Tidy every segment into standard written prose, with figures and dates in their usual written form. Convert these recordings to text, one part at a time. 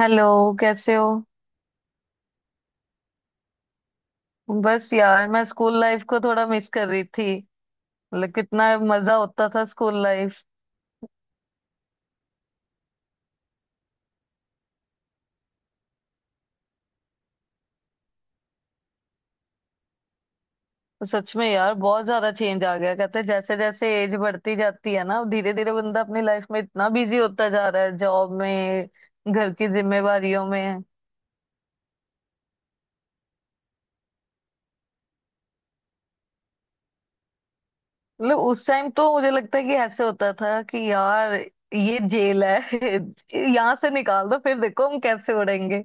Hello. कैसे हो। बस यार मैं स्कूल लाइफ को थोड़ा मिस कर रही थी। मतलब कितना मजा होता था स्कूल लाइफ। सच में यार बहुत ज्यादा चेंज आ गया, कहते हैं, जैसे जैसे एज बढ़ती जाती है ना धीरे धीरे बंदा अपनी लाइफ में इतना बिजी होता जा रहा है जॉब में, घर की जिम्मेवारियों में। मतलब उस टाइम तो मुझे लगता है कि ऐसे होता था कि यार ये जेल है। यहाँ से निकाल दो फिर देखो हम कैसे उड़ेंगे।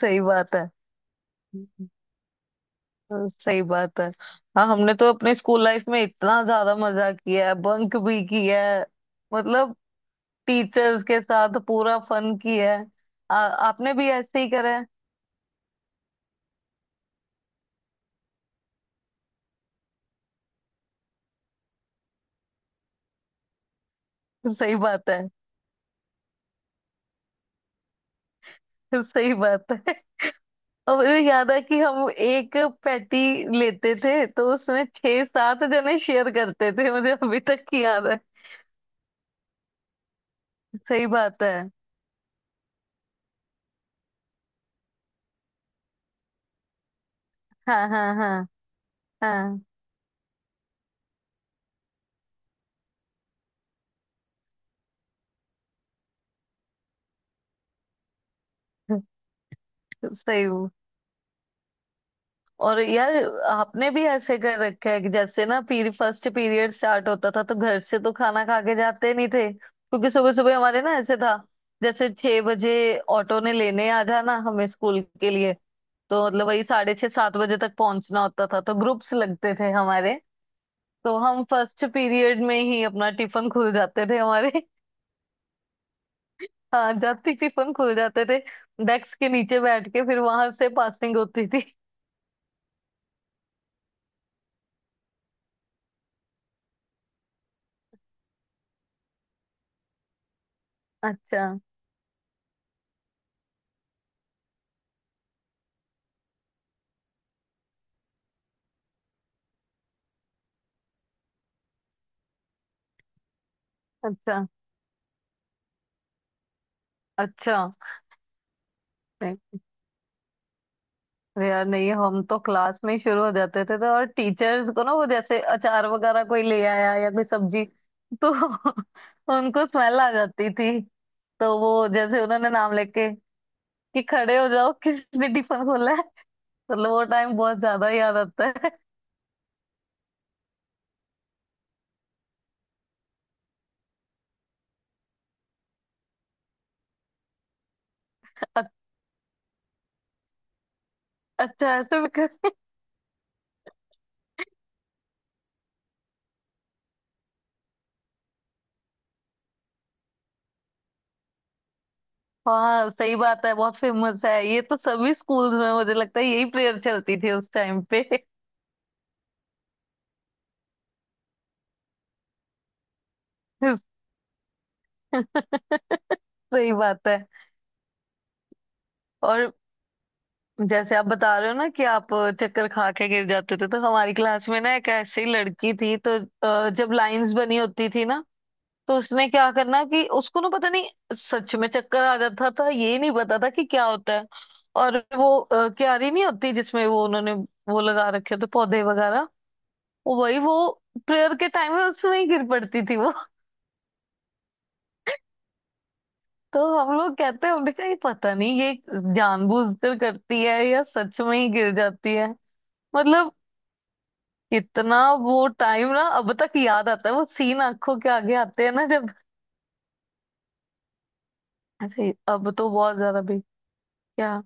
सही बात है। हाँ, सही बात है। हाँ, हमने तो अपने स्कूल लाइफ में इतना ज्यादा मजा किया है, बंक भी किया है। मतलब टीचर्स के साथ पूरा फन किया है। आपने भी ऐसे ही करा है। सही बात है। सही बात है। और मुझे याद है कि हम एक पैटी लेते थे तो उसमें छह सात जने शेयर करते थे, मुझे अभी तक याद है। सही बात है। हाँ हाँ हाँ। हाँ। सही। और यार आपने भी ऐसे कर रखा है कि जैसे ना पीरी फर्स्ट पीरियड स्टार्ट होता था तो घर से तो खाना खा के जाते नहीं थे क्योंकि सुबह सुबह हमारे ना ऐसे था जैसे 6 बजे ऑटो ने लेने आ जाना हमें स्कूल के लिए। तो मतलब वही साढ़े छह सात बजे तक पहुंचना होता था तो ग्रुप्स लगते थे हमारे। तो हम फर्स्ट पीरियड में ही अपना टिफिन खुल जाते थे हमारे। हाँ, जाते ही टिफिन खुल जाते थे। डेस्क के नीचे बैठ के फिर वहां से पासिंग होती थी। अच्छा। अच्छा। अच्छा। अरे यार नहीं, हम तो क्लास में ही शुरू हो जाते थे तो, और टीचर्स को ना वो जैसे अचार वगैरह कोई ले आया या कोई सब्जी तो उनको स्मेल आ जाती थी। तो वो जैसे उन्होंने नाम लेके कि खड़े हो जाओ किसने टिफिन खोला है। तो मतलब वो टाइम बहुत ज्यादा याद आता है। अ- अच्छा ऐसे भी कर। हाँ सही बात है, बहुत फेमस है ये तो, सभी स्कूल्स में मुझे लगता है यही प्रेयर चलती थी उस टाइम पे। सही बात है। और जैसे आप बता रहे हो ना कि आप चक्कर खा के गिर जाते थे तो हमारी क्लास में ना एक ऐसी लड़की थी तो जब लाइंस बनी होती थी ना, तो उसने क्या करना कि उसको ना पता नहीं, सच में चक्कर आ जाता था, ये नहीं पता था कि क्या होता है। और वो क्यारी नहीं होती जिसमें वो उन्होंने वो लगा रखे होते पौधे वगैरह, वो वही वो प्रेयर के टाइम में उसमें ही गिर पड़ती थी वो। तो हम लोग कहते हैं, हमने कहा ये पता नहीं ये जानबूझकर करती है या सच में ही गिर जाती है। मतलब इतना वो टाइम ना अब तक याद आता है, वो सीन आंखों के आगे आते हैं ना जब। अरे अब तो बहुत ज्यादा भी क्या।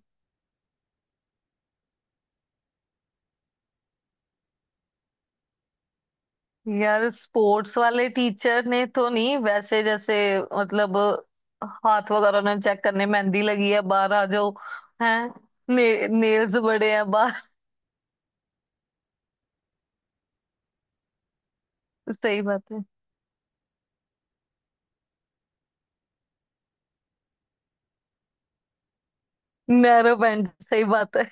यार स्पोर्ट्स वाले टीचर ने तो नहीं, वैसे जैसे मतलब हाथ वगैरह ने चेक करने, मेहंदी लगी है बाहर आ जाओ। हैं। नेल्स बड़े हैं बाहर। सही बात है। नैरो पैंट सही बात है।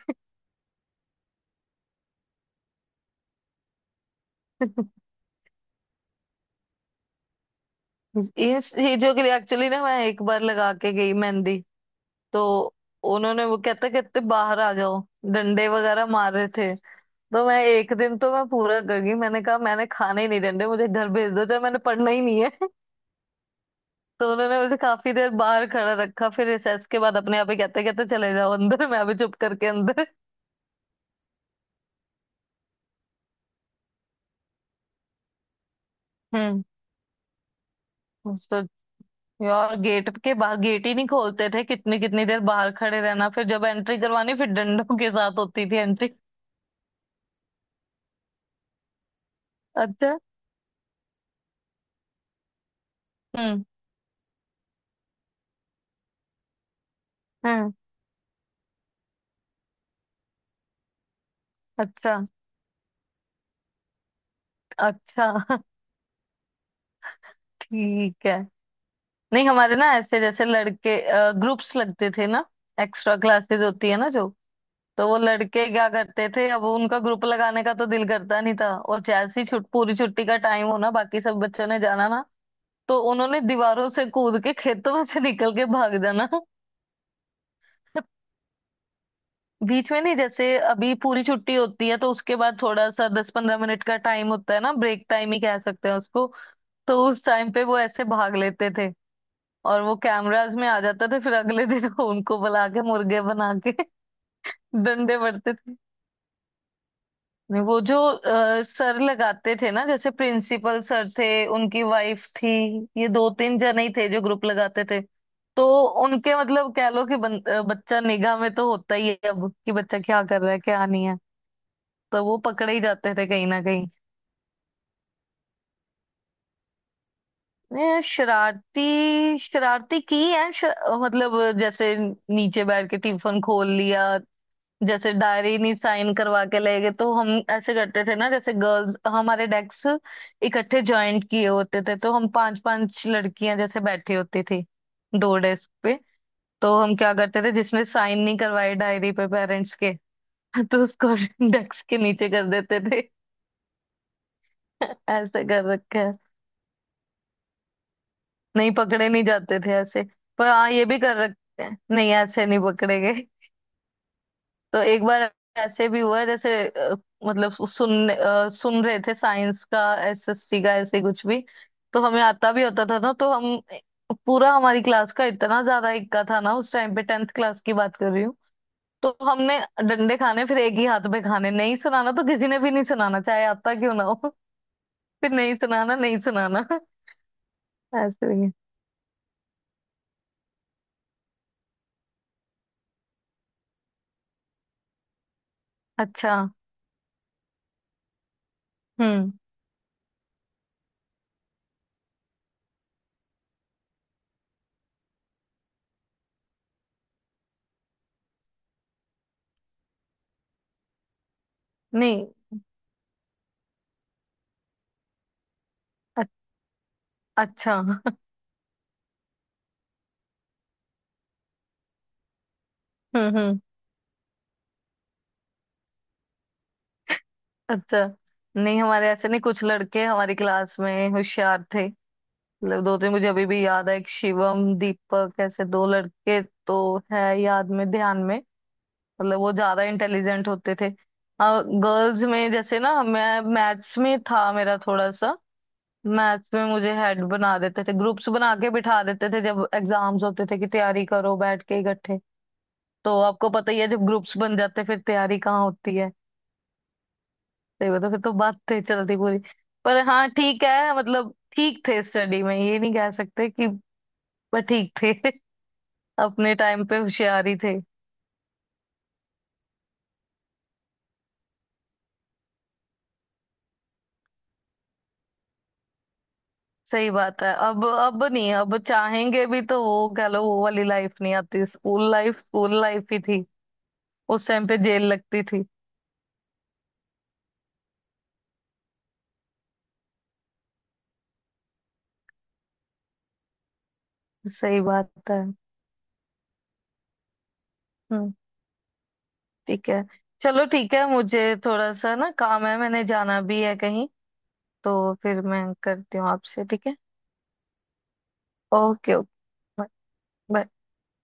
इन चीजों के लिए एक्चुअली ना मैं एक बार लगा के गई मेहंदी। तो उन्होंने वो कहते कहते बाहर आ जाओ, डंडे वगैरह मार रहे थे। तो मैं एक दिन तो मैं पूरा कर गई, मैंने कहा मैंने खाने ही नहीं देने, मुझे घर भेज दो, चाहे मैंने पढ़ना ही नहीं है। तो उन्होंने मुझे काफी देर बाहर खड़ा रखा, फिर रिसेस के बाद अपने आप ही कहते कहते चले जाओ अंदर, मैं भी चुप करके अंदर। हम्म। तो यार गेट के बाहर गेट ही नहीं खोलते थे, कितनी कितनी देर बाहर खड़े रहना, फिर जब एंट्री करवानी फिर डंडों के साथ होती थी एंट्री। अच्छा। हम्म हम्म। अच्छा। अच्छा। ठीक है। नहीं हमारे ना ऐसे जैसे लड़के ग्रुप्स लगते थे ना, एक्स्ट्रा क्लासेस होती है ना जो। तो वो लड़के क्या करते थे, अब उनका ग्रुप लगाने का तो दिल करता नहीं था और जैसे ही छुट पूरी छुट्टी का टाइम होना, बाकी सब बच्चों ने जाना ना, तो उन्होंने दीवारों से कूद के खेतों में से निकल के भाग जाना। बीच में नहीं, जैसे अभी पूरी छुट्टी होती है तो उसके बाद थोड़ा सा 10-15 मिनट का टाइम होता है ना, ब्रेक टाइम ही कह सकते हैं उसको। तो उस टाइम पे वो ऐसे भाग लेते थे और वो कैमराज में आ जाता था, फिर अगले दिन उनको बुला के मुर्गे बना के डंडे पड़ते थे। नहीं वो जो सर लगाते थे ना, जैसे प्रिंसिपल सर थे, उनकी वाइफ थी, ये दो तीन जने ही थे जो ग्रुप लगाते थे। तो उनके मतलब कह लो कि बच्चा निगाह में तो होता ही है अब कि बच्चा क्या कर रहा है क्या नहीं है, तो वो पकड़े ही जाते थे कहीं ना कहीं। ये शरारती शरारती की है। मतलब जैसे नीचे बैठ के टिफिन खोल लिया, जैसे डायरी नहीं साइन करवा के ले गए तो हम ऐसे करते थे ना, जैसे गर्ल्स हमारे डेस्क इकट्ठे ज्वाइंट किए होते थे तो हम पांच पांच लड़कियां जैसे बैठी होती थी दो डेस्क पे। तो हम क्या करते थे, जिसने साइन नहीं करवाए डायरी पे पेरेंट्स के, तो उसको डेस्क के नीचे कर देते थे। ऐसे कर रखा है। नहीं, पकड़े नहीं जाते थे ऐसे। पर हाँ, ये भी कर रखते हैं, नहीं ऐसे नहीं पकड़े गए। तो एक बार ऐसे भी हुआ, जैसे मतलब सुन सुन रहे थे साइंस का, एसएससी का, ऐसे कुछ भी। तो हमें आता भी होता था ना तो हम पूरा हमारी क्लास का इतना ज्यादा इक्का था ना उस टाइम पे, टेंथ क्लास की बात कर रही हूँ। तो हमने डंडे खाने फिर एक ही हाथ में खाने, नहीं सुनाना तो किसी ने भी नहीं सुनाना, चाहे आता क्यों ना हो। फिर नहीं सुनाना नहीं सुनाना। ऐसे ही। अच्छा। हम्म। नहीं। अ- अच्छा। हम्म। अच्छा। नहीं हमारे ऐसे नहीं, कुछ लड़के हमारी क्लास में होशियार थे। मतलब दो तीन मुझे अभी भी याद है, एक शिवम दीपक ऐसे दो लड़के, तो है याद में ध्यान में। मतलब वो ज्यादा इंटेलिजेंट होते थे। गर्ल्स में जैसे ना मैं मैथ्स में था, मेरा थोड़ा सा मैथ्स में मुझे हेड बना देते थे, ग्रुप्स बना के बिठा देते थे जब एग्जाम्स होते थे कि तैयारी करो बैठ के इकट्ठे। तो आपको पता ही है, जब ग्रुप्स बन जाते हैं, फिर तैयारी कहाँ होती है। सही बता, फिर तो बात थे चलती पूरी। पर हाँ ठीक है, मतलब ठीक थे स्टडी में, ये नहीं कह सकते कि, पर ठीक थे। अपने टाइम पे होशियार ही थे। सही बात है। अब नहीं, अब चाहेंगे भी तो वो कह लो वो वाली लाइफ नहीं आती, स्कूल लाइफ ही थी। उस टाइम पे जेल लगती थी। सही बात है। हम्म। ठीक है। चलो ठीक है, मुझे थोड़ा सा ना काम है, मैंने जाना भी है कहीं। तो फिर मैं करती हूँ आपसे, ठीक है। Okay okay. बाय।